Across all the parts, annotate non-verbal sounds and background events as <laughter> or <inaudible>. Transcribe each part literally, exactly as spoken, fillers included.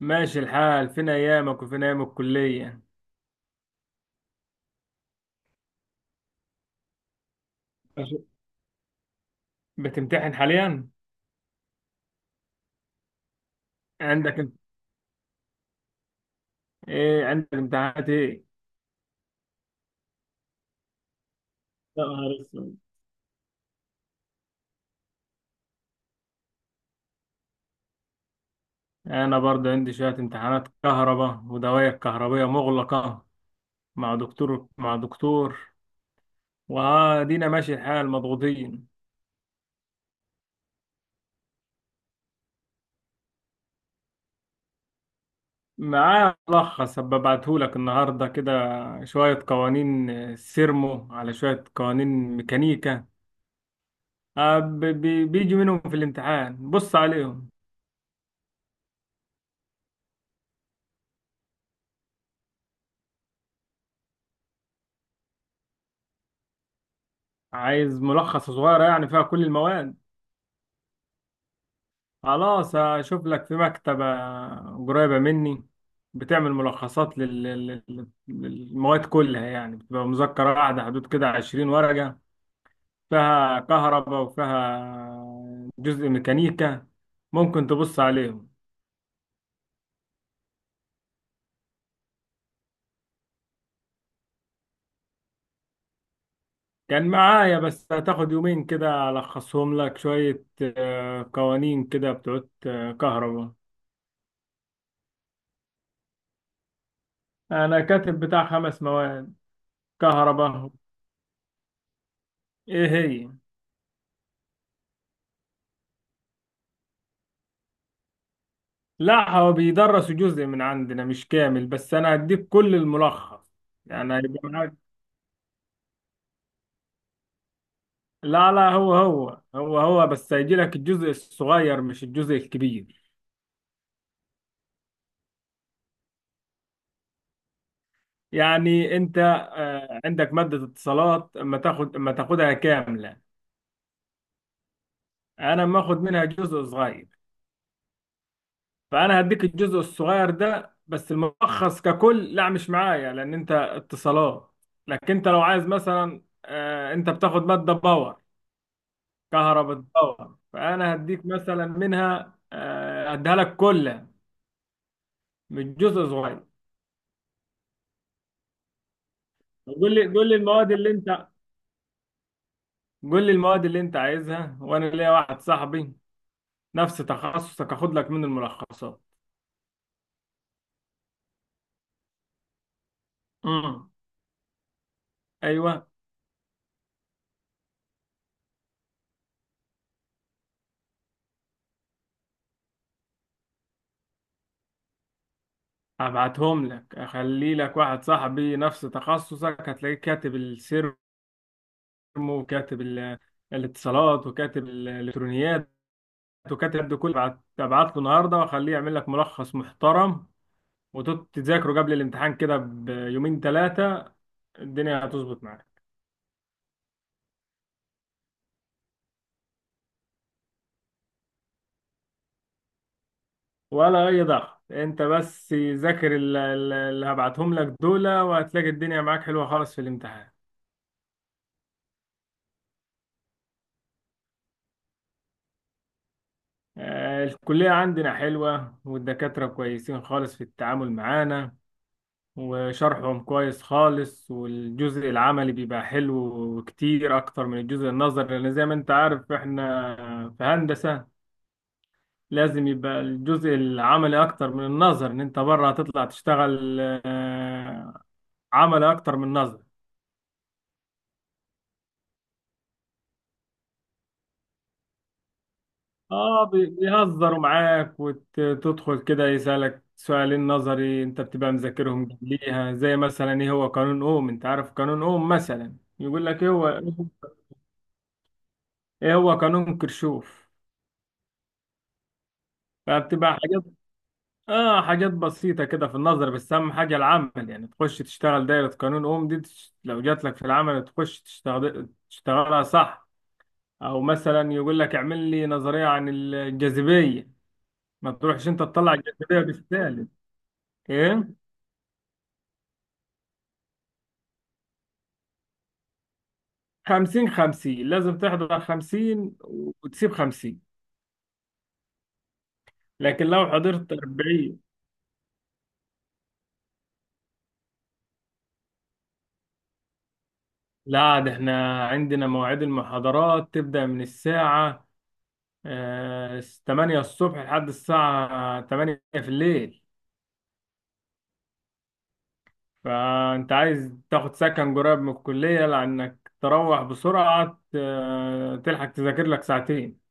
ماشي الحال، فين ايامك وفين ايام الكلية؟ أش- بتمتحن حاليا؟ عندك انت؟ ايه، عندك امتحانات ايه؟ يا نهار اسود! انا برضه عندي شوية امتحانات كهرباء ودوائر كهربية مغلقة مع دكتور مع دكتور، وادينا ماشي الحال، مضغوطين. معاه ملخص، هبعتهولك النهاردة كده، شوية قوانين سيرمو على شوية قوانين ميكانيكا. آه، بي- بي- بيجي منهم في الامتحان، بص عليهم. عايز ملخص صغيرة يعني فيها كل المواد. خلاص، هشوف لك في مكتبة قريبة مني بتعمل ملخصات لل... لل- للمواد كلها، يعني بتبقى مذكرة واحدة حدود كده عشرين ورقة، فيها كهرباء وفيها جزء ميكانيكا، ممكن تبص عليهم. كان معايا، بس هتاخد يومين كده ألخصهم لك شوية، آه، قوانين كده بتوع كهرباء. أنا كاتب بتاع خمس مواد كهرباء. إيه هي؟ لا، هو بيدرس جزء من عندنا مش كامل، بس انا هديك كل الملخص. يعني هيبقى معاك. لا لا، هو هو هو هو بس هيجي لك الجزء الصغير مش الجزء الكبير. يعني انت، آه، عندك مادة اتصالات، اما تاخد اما تاخدها كاملة. انا ما اخد منها جزء صغير، فانا هديك الجزء الصغير ده بس. الملخص ككل لا، مش معايا، لان انت اتصالات. لكن انت لو عايز مثلا، آه، انت بتاخد مادة باور كهرباء الدورة، فأنا هديك مثلا منها، آه، هديها لك كلها، مش جزء صغير. قول لي قول لي المواد اللي أنت... قول لي المواد اللي أنت عايزها، وأنا ليا واحد صاحبي نفس تخصصك، هاخد لك من الملخصات. امم. أيوه. هبعتهم لك، أخلي لك واحد صاحبي نفس تخصصك، هتلاقيه كاتب السيرمو، وكاتب ال- الاتصالات، وكاتب الإلكترونيات، وكاتب ده كله. هبعت- هبعت له النهارده وأخليه يعمل لك ملخص محترم، وتذاكره قبل الامتحان كده بيومين ثلاثة، الدنيا هتظبط معاك. ولا أي ضغط، أنت بس ذاكر ال- ال- اللي هبعتهم لك دول، وهتلاقي الدنيا معاك حلوة خالص في الامتحان. آه، الكلية عندنا حلوة، والدكاترة كويسين خالص في التعامل معانا، وشرحهم كويس خالص، والجزء العملي بيبقى حلو كتير أكتر من الجزء النظري، لأن زي ما أنت عارف، إحنا في هندسة لازم يبقى الجزء العملي اكتر من النظر، ان انت بره هتطلع تشتغل آه، عملي اكتر من نظر. اه، بي- بيهزروا معاك، وتدخل كده يسألك سؤالين نظري انت بتبقى مذاكرهم قبليها، زي مثلا ايه هو قانون اوم، انت عارف قانون اوم، مثلا يقول لك ايه هو، ايه هو قانون كرشوف. فبتبقى حاجات... اه، حاجات بسيطة كده في النظر، بس اهم حاجة العمل، يعني تخش تشتغل دايرة قانون اوم دي، تش- لو جات لك في العمل تخش تشتغل تشتغلها صح. او مثلا يقول لك اعمل لي نظريه عن الجاذبيه، ما تروحش انت تطلع الجاذبيه بالسالب. ايه. خمسين خمسين، لازم تحضر خمسين وتسيب خمسين. لكن لو حضرت أربعين... لا، ده احنا عندنا مواعيد المحاضرات تبدا من الساعه، آه، ثمانية الصبح لحد الساعه ثمانية في الليل. فانت عايز تاخد سكن قريب من الكليه، لانك تروح بسرعه آه، تلحق تذاكر لك ساعتين.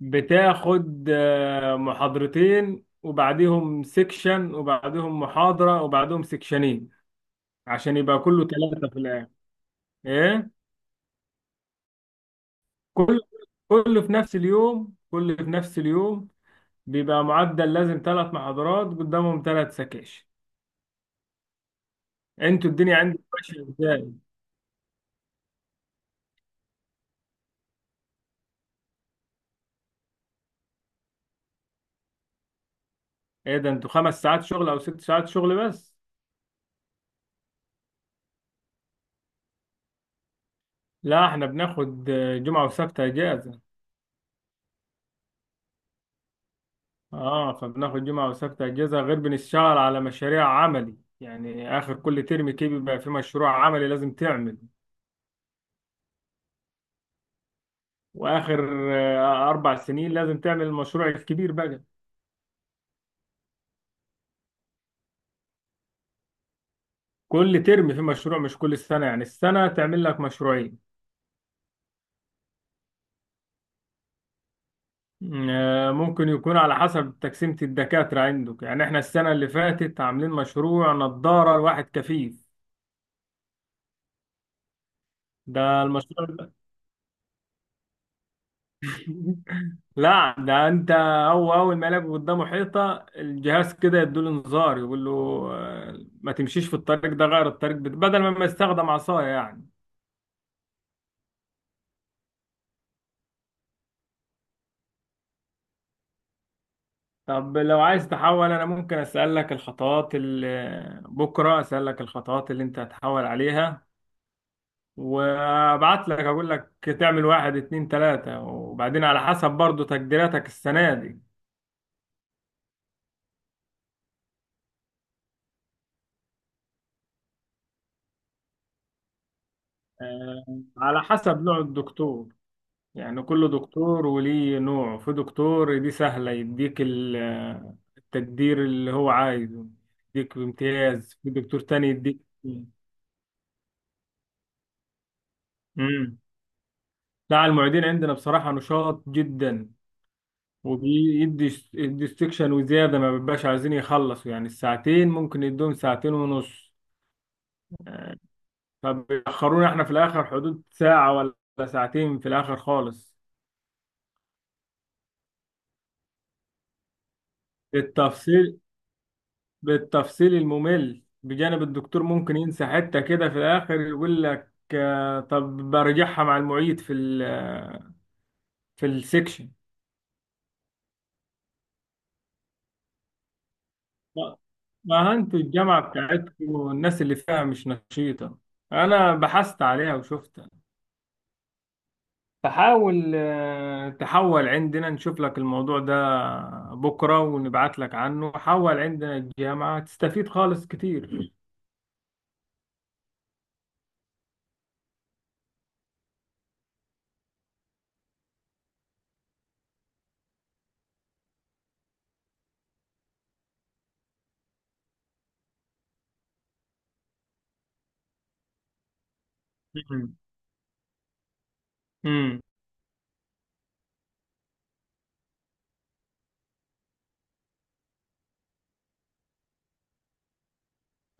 بتاخد آه، محاضرتين وبعديهم سيكشن وبعديهم محاضرة وبعديهم سيكشنين، عشان يبقى كله ثلاثة في الآخر. إيه؟ كل كله في نفس اليوم، كله في نفس اليوم. بيبقى معدل لازم ثلاث محاضرات قدامهم ثلاث سكاشن. انتوا الدنيا عندكم ماشية ازاي؟ ايه ده، انتوا خمس ساعات شغل او ست ساعات شغل بس؟ لا، احنا بناخد آه، جمعة وسبت اجازة. اه، فبناخد جمعة وسبت اجازة، غير بنشتغل على مشاريع عملي، يعني اخر كل ترم كده بيبقى في مشروع عملي لازم تعمل، واخر آه، اربع سنين لازم تعمل المشروع الكبير بقى. كل ترم في مشروع مش كل سنة، يعني السنة تعمل لك مشروعين. آه، ممكن يكون على حسب تقسيمة الدكاترة عندك، يعني احنا السنة اللي فاتت عاملين مشروع نظارة لواحد كفيف. ده المشروع. <laughs> لا، ده انت... هو اول ما يلاقوا قدامه حيطه، الجهاز كده يدوله انذار، يقول له آه، ما تمشيش في الطريق ده، غير الطريق، بت- بدل ما ما يستخدم عصايه يعني. طب لو عايز تحول، انا ممكن اسالك الخطوات اللي... بكره اسالك الخطوات اللي انت هتحول عليها، وابعت لك اقول لك تعمل واحد اتنين تلاته، وبعدين على حسب برضو تقديراتك السنه دي. آه، على حسب نوع الدكتور، يعني كل دكتور وليه نوع، في دكتور دي سهلة، يديك ال- التقدير اللي هو عايزه، يديك بامتياز، في دكتور تاني يديك... امم. لا، المعيدين عندنا بصراحة نشاط جدا، وبيدي يدي استكشن وزيادة، ما بيبقاش عايزين يخلصوا، يعني الساعتين ممكن يدوهم ساعتين ونص. آه، فبيأخرونا احنا في الآخر حدود ساعة ولا ساعتين في الآخر خالص. التفصيل بالتفصيل الممل بجانب الدكتور، ممكن ينسى حتة كده في الآخر يقول لك، آه، طب برجعها مع المعيد في ال آه، في السكشن. ما ما انتوا الجامعة بتاعتكم، والناس اللي فيها مش نشيطة، أنا بحثت عليها وشفتها، فحاول آه، تحول عندنا، نشوف لك الموضوع ده بكرة ونبعت لك عنه، حول عندنا الجامعة تستفيد خالص كتير. امم.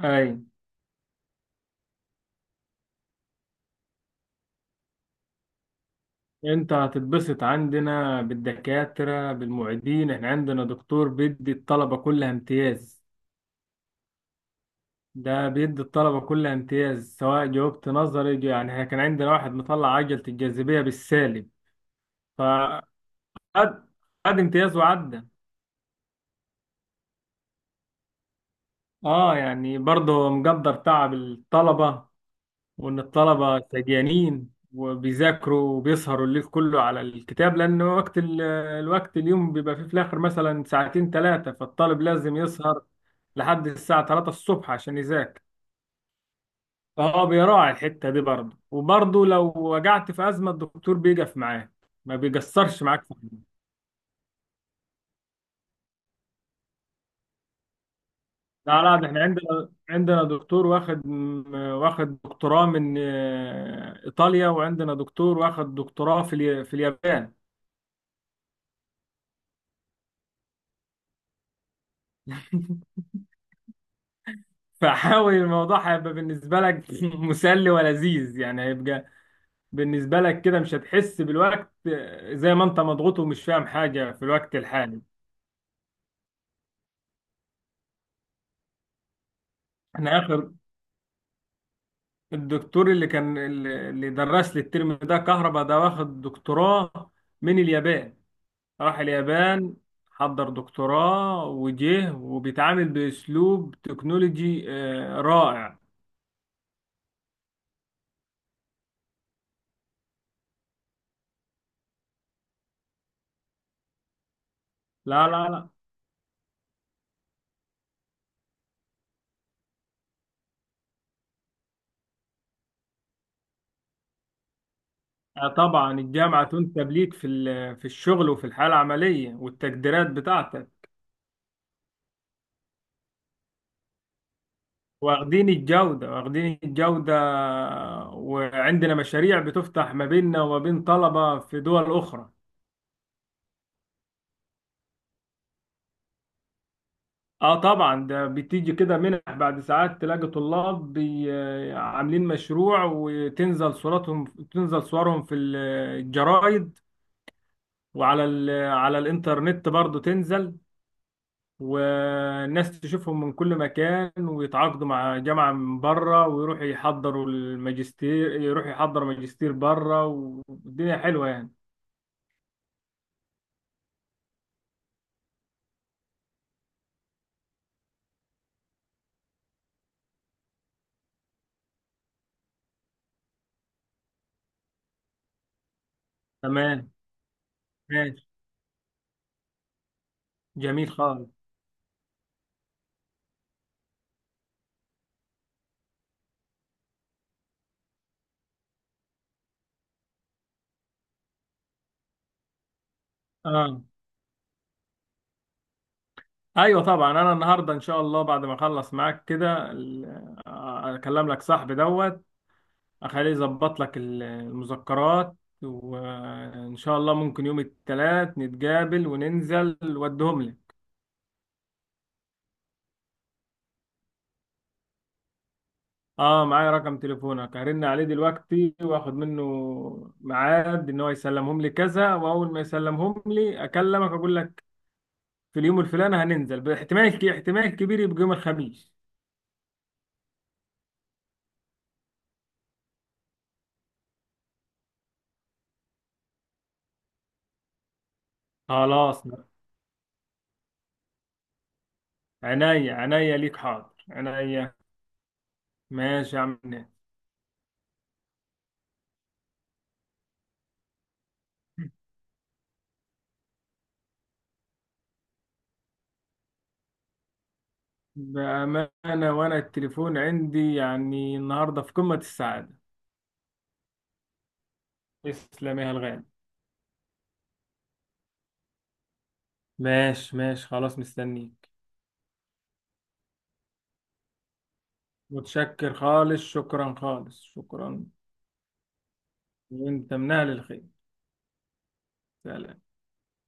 أي. انت هتتبسط عندنا بالدكاترة بالمعيدين، احنا عندنا دكتور بيدي الطلبة كلها امتياز، ده بيدي الطلبة كلها امتياز سواء جاوبت نظري جو- يعني احنا كان عندنا واحد مطلع عجلة الجاذبية بالسالب، فقد قد امتياز وعدى. اه، يعني برضه هو مقدر تعب الطلبة، وإن الطلبة سجانين وبيذاكروا وبيسهروا الليل كله على الكتاب، لأن وقت ال- آه، الوقت اليوم بيبقى فيه في الآخر مثلا ساعتين ثلاثة، فالطالب لازم يسهر لحد الساعة ثلاثة الصبح عشان يذاكر. فهو بيراعي الحتة دي برضه، وبرضه لو وجعت في أزمة الدكتور بيقف معاك، ما بيقصرش معاك في حاجة. لا لا، ده احنا عندنا عندنا دكتور واخد م- واخد دكتوراه من آه، إيطاليا، وعندنا دكتور واخد دكتوراه في الي- في اليابان. فحاول الموضوع هيبقى بالنسبة لك <laughs> مسلي ولذيذ، يعني هيبقى بالنسبة لك كده مش هتحس بالوقت، آه، زي ما انت مضغوط ومش فاهم حاجة في الوقت الحالي. احنا اخر الدكتور اللي كان اللي درس لي الترم ده كهرباء، ده واخد دكتوراه من اليابان، راح اليابان حضر دكتوراه وجه، وبيتعامل بأسلوب تكنولوجي آه، رائع. لا لا لا. آه، طبعا الجامعة تنسب ليك في ال- في الشغل، وفي الحالة العملية والتقديرات بتاعتك. واخدين الجودة، واخدين الجودة، وعندنا مشاريع بتفتح ما بيننا وما بين طلبة في دول أخرى. اه، طبعا ده بتيجي كده منح، بعد ساعات تلاقي طلاب بي- آه، عاملين مشروع، وتنزل صورتهم تنزل صورهم في الجرايد، وعلى ال- على الانترنت برضو تنزل، والناس تشوفهم من كل مكان، ويتعاقدوا مع جامعة من بره، ويروحوا يحضروا الماجستير، يروحوا يحضروا ماجستير بره، والدنيا حلوة يعني. تمام. ماشي. جميل خالص. اه، ايوه طبعا، انا النهارده ان شاء الله بعد ما اخلص معاك كده ال- اكلم لك صاحبي دوت، اخليه يظبط لك ال- المذكرات، وان شاء الله ممكن يوم الثلاث نتقابل وننزل ودهم لك. اه، معايا رقم تليفونك، هرن عليه دلوقتي واخد منه ميعاد، ان هو يسلمهم لي كذا، واول ما يسلمهم لي اكلمك اقول لك في اليوم الفلاني هننزل، باحتمال ك- احتمال كبير يبقى يوم الخميس. خلاص. عينيا عينيا ليك، حاضر، عينيا. ماشي يا عم، ناس. بأمانة، وانا التليفون عندي يعني النهارده في قمة السعادة. تسلم يا الغالي. ماشي ماشي، خلاص مستنيك. متشكر خالص، شكرا خالص، شكرا. وانت من اهل الخير. سلام.